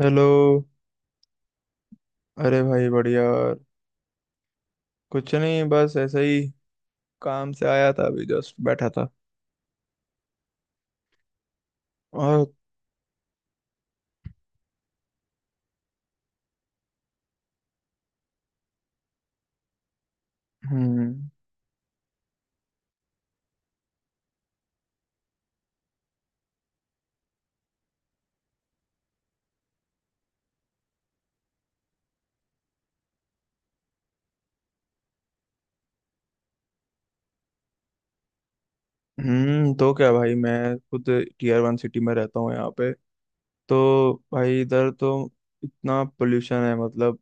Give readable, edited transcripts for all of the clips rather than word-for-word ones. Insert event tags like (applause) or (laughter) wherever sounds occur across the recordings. Hello. अरे भाई बढ़िया यार। कुछ नहीं, बस ऐसे ही काम से आया था, अभी जस्ट बैठा था। और हम्म। हम्म, तो क्या भाई, मैं खुद टीयर वन सिटी में रहता हूँ यहाँ पे। तो भाई इधर तो इतना पोल्यूशन है, मतलब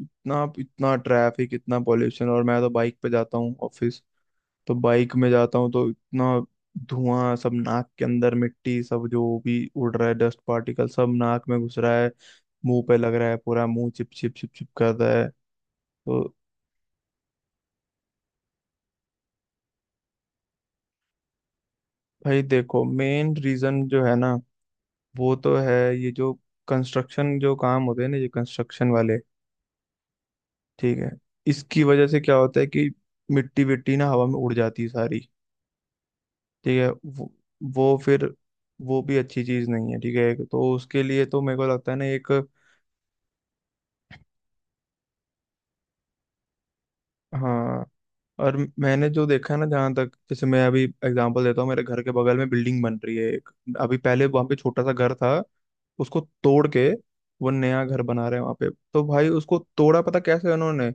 इतना इतना ट्रैफिक, इतना पोल्यूशन। और मैं तो बाइक पे जाता हूँ ऑफिस, तो बाइक में जाता हूँ तो इतना धुआं सब नाक के अंदर, मिट्टी सब जो भी उड़ रहा है, डस्ट पार्टिकल सब नाक में घुस रहा है, मुंह पे लग रहा है, पूरा मुंह चिप चिप चिप चिप कर रहा है। तो भाई देखो, मेन रीजन जो है ना, वो तो है ये जो कंस्ट्रक्शन जो काम होते हैं ना, ये कंस्ट्रक्शन वाले, ठीक है। इसकी वजह से क्या होता है कि मिट्टी विट्टी ना हवा में उड़ जाती है सारी, ठीक है। वो फिर वो भी अच्छी चीज नहीं है, ठीक है। तो उसके लिए तो मेरे को लगता है ना एक। हाँ, और मैंने जो देखा है ना, जहाँ तक, जैसे मैं अभी एग्जांपल देता हूँ, मेरे घर के बगल में बिल्डिंग बन रही है एक। अभी पहले वहाँ पे छोटा सा घर था, उसको तोड़ के वो नया घर बना रहे हैं वहाँ पे। तो भाई उसको तोड़ा पता कैसे उन्होंने,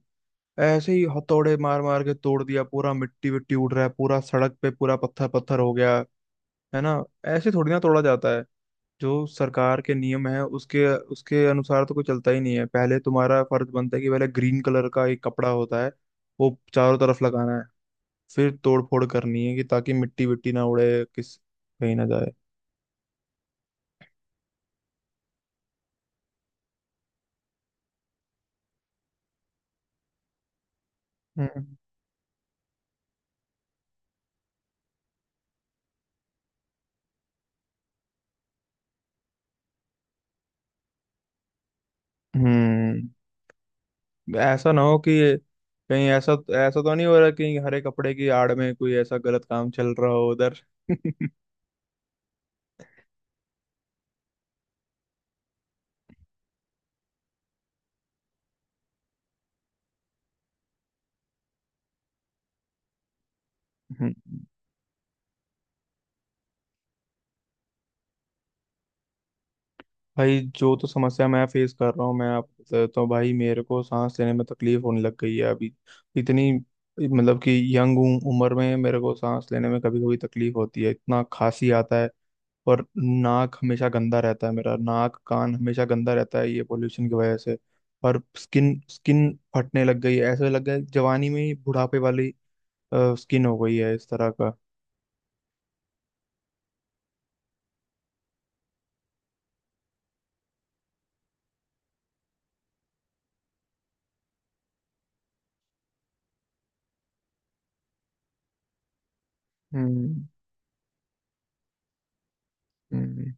ऐसे ही हथौड़े मार मार के तोड़ दिया पूरा, मिट्टी विट्टी उड़ रहा है पूरा, सड़क पे पूरा पत्थर पत्थर हो गया, है ना। ऐसे थोड़ी ना तोड़ा जाता है। जो सरकार के नियम है उसके उसके अनुसार तो कोई चलता ही नहीं है। पहले तुम्हारा फर्ज बनता है कि पहले ग्रीन कलर का एक कपड़ा होता है, वो चारों तरफ लगाना है, फिर तोड़ फोड़ करनी है, कि ताकि मिट्टी विट्टी ना उड़े, किस कहीं ना जाए। हम्म। हम्म, ऐसा ना हो कि कहीं ऐसा ऐसा तो नहीं हो रहा कि हरे कपड़े की आड़ में कोई ऐसा गलत काम चल रहा हो उधर। (laughs) हम्म। भाई जो तो समस्या मैं फेस कर रहा हूँ, मैं आपको बता देता हूँ भाई। मेरे को सांस लेने में तकलीफ होने लग गई है अभी, इतनी, मतलब कि यंग उम्र में मेरे को सांस लेने में कभी कभी तकलीफ होती है, इतना खांसी आता है। और नाक हमेशा गंदा रहता है, मेरा नाक कान हमेशा गंदा रहता है, ये पोल्यूशन की वजह से। और स्किन स्किन फटने लग गई है, ऐसे लग गया है जवानी में ही बुढ़ापे वाली स्किन हो गई है, इस तरह का। हम्म। हम्म।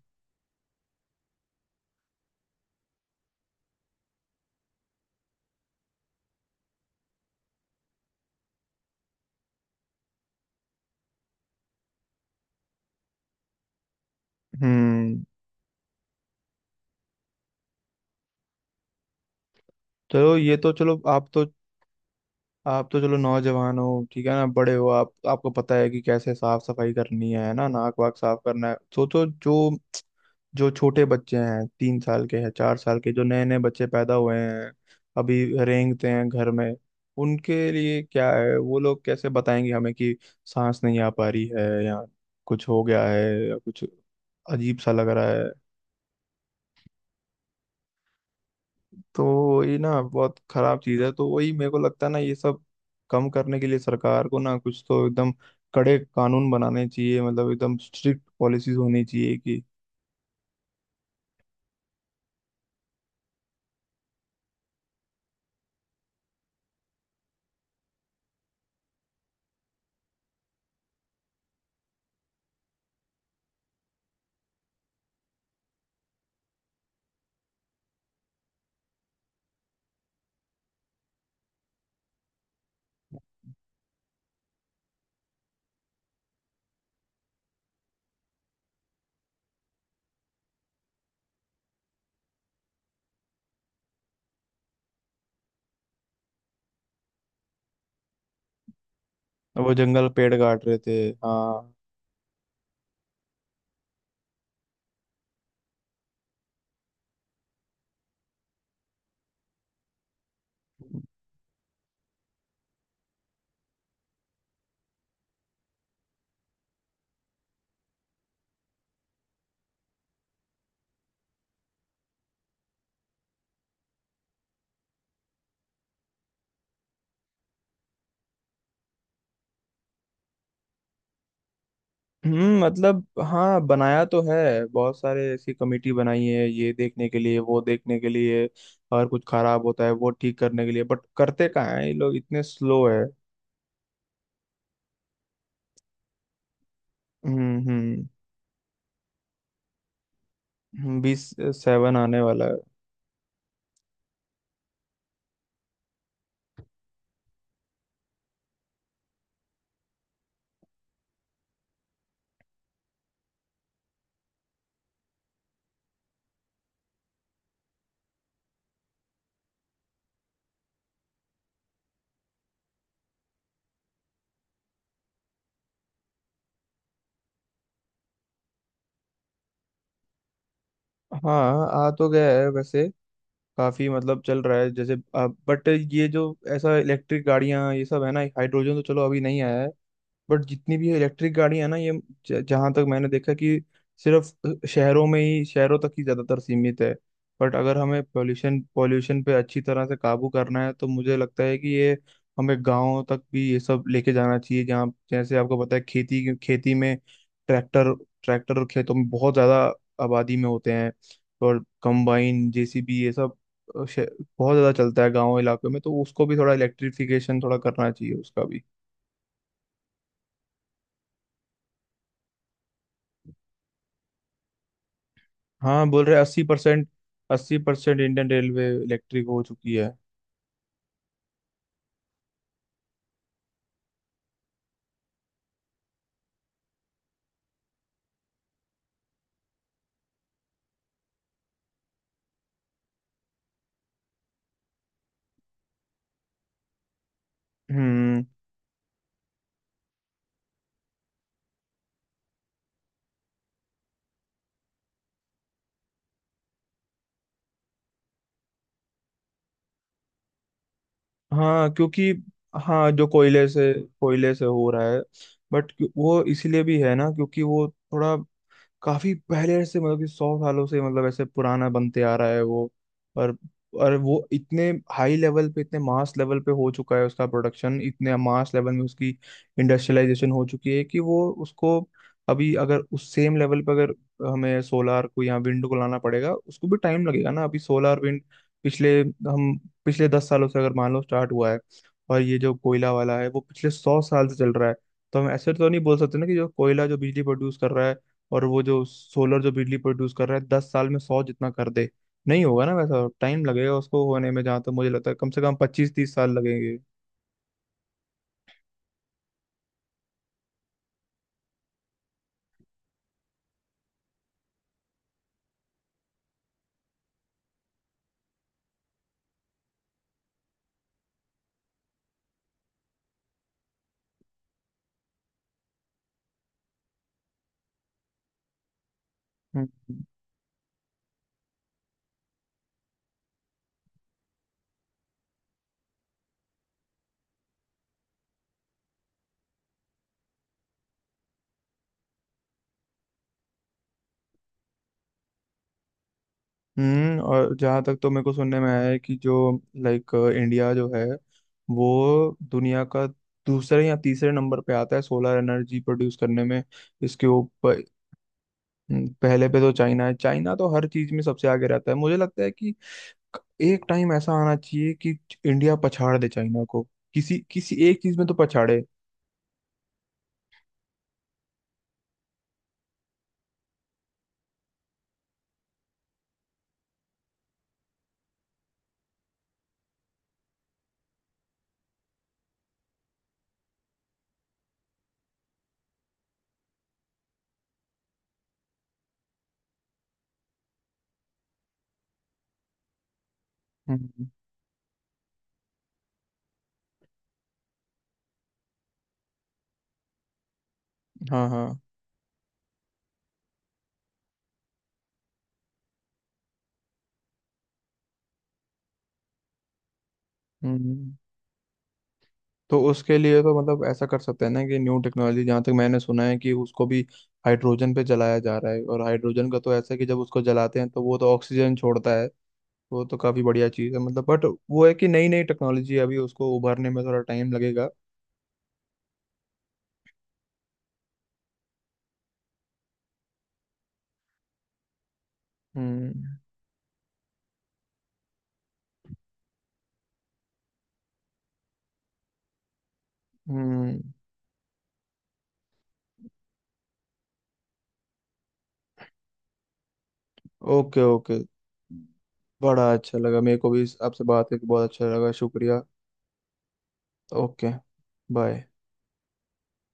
हम्म। चलो ये तो, चलो आप तो चलो नौजवान हो, ठीक है ना, बड़े हो आप, आपको पता है कि कैसे साफ सफाई करनी है ना, नाक वाक साफ करना है। सोचो जो जो छोटे बच्चे हैं, 3 साल के हैं, 4 साल के, जो नए नए बच्चे पैदा हुए हैं, अभी रेंगते हैं घर में, उनके लिए क्या है? वो लोग कैसे बताएंगे हमें कि सांस नहीं आ पा रही है, या कुछ हो गया है, या कुछ अजीब सा लग रहा है। तो ये ना बहुत खराब चीज है। तो वही मेरे को लगता है ना, ये सब कम करने के लिए सरकार को ना कुछ तो एकदम कड़े कानून बनाने चाहिए, मतलब एकदम स्ट्रिक्ट पॉलिसीज होनी चाहिए कि। वो जंगल पेड़ काट रहे थे। हाँ। हम्म, मतलब हाँ, बनाया तो है, बहुत सारे ऐसी कमेटी बनाई है ये देखने के लिए, वो देखने के लिए, और कुछ खराब होता है वो ठीक करने के लिए, बट करते कहाँ है ये लोग, इतने स्लो है। हम्म। हम्म। बीस सेवन आने वाला है। हाँ आ तो गया है वैसे, काफी मतलब चल रहा है जैसे, बट ये जो, ऐसा इलेक्ट्रिक गाड़ियां ये सब है ना, हाइड्रोजन तो चलो अभी नहीं आया है, बट जितनी भी इलेक्ट्रिक गाड़ी है ना, ये जहाँ तक मैंने देखा कि सिर्फ शहरों में ही, शहरों तक ही ज़्यादातर सीमित है। बट अगर हमें पोल्यूशन पोल्यूशन पे अच्छी तरह से काबू करना है तो मुझे लगता है कि ये हमें गाँव तक भी ये सब लेके जाना चाहिए, जहाँ, जैसे आपको पता है खेती, खेती में ट्रैक्टर ट्रैक्टर खेतों में बहुत ज़्यादा आबादी में होते हैं, और कंबाइन, जेसीबी ये सब अ, शे- बहुत ज़्यादा चलता है गाँव इलाकों में, तो उसको भी थोड़ा इलेक्ट्रिफिकेशन थोड़ा करना चाहिए उसका भी। हाँ, बोल रहे 80%, 80% इंडियन रेलवे इलेक्ट्रिक हो चुकी है। हम्म। हाँ क्योंकि, हाँ जो कोयले से हो रहा है। बट वो इसीलिए भी है ना, क्योंकि वो थोड़ा काफी पहले से, मतलब कि 100 सालों से मतलब ऐसे पुराना बनते आ रहा है वो। और और वो इतने हाई लेवल पे, इतने मास लेवल पे हो चुका है उसका प्रोडक्शन, इतने मास लेवल में उसकी इंडस्ट्रियलाइजेशन हो चुकी है कि वो उसको, अभी अगर उस सेम लेवल पे अगर हमें सोलार को या विंड को लाना पड़ेगा, उसको भी टाइम लगेगा ना। अभी सोलार विंड पिछले हम पिछले 10 सालों से अगर मान लो स्टार्ट हुआ है, और ये जो कोयला वाला है वो पिछले 100 साल से चल रहा है। तो हम ऐसे तो नहीं बोल सकते ना कि जो कोयला जो बिजली प्रोड्यूस कर रहा है, और वो जो सोलर जो बिजली प्रोड्यूस कर रहा है, 10 साल में 100 जितना कर दे, नहीं होगा ना वैसा। टाइम लगेगा उसको होने में, जहाँ तक मुझे लगता है कम से कम 25-30 साल लगेंगे। हम्म। और जहाँ तक तो मेरे को सुनने में आया है कि जो लाइक इंडिया जो है वो दुनिया का दूसरे या तीसरे नंबर पे आता है सोलर एनर्जी प्रोड्यूस करने में। इसके ऊपर। पहले पे तो चाइना है, चाइना तो हर चीज में सबसे आगे रहता है। मुझे लगता है कि एक टाइम ऐसा आना चाहिए कि इंडिया पछाड़ दे चाइना को, किसी किसी एक चीज में तो पछाड़े। हम्म। हाँ हाँ। हम्म। तो उसके लिए तो मतलब ऐसा कर सकते हैं ना कि न्यू टेक्नोलॉजी, जहाँ तक मैंने सुना है कि उसको भी हाइड्रोजन पे जलाया जा रहा है, और हाइड्रोजन का तो ऐसा है कि जब उसको जलाते हैं तो वो तो ऑक्सीजन छोड़ता है। वो तो काफी बढ़िया चीज है मतलब, बट वो है कि नई नई टेक्नोलॉजी है, अभी उसको उभरने में थोड़ा टाइम लगेगा। हम्म। हम्म। Okay okay. बड़ा अच्छा लगा, मेरे को भी आपसे बात करके बहुत अच्छा लगा, शुक्रिया। ओके। बाय।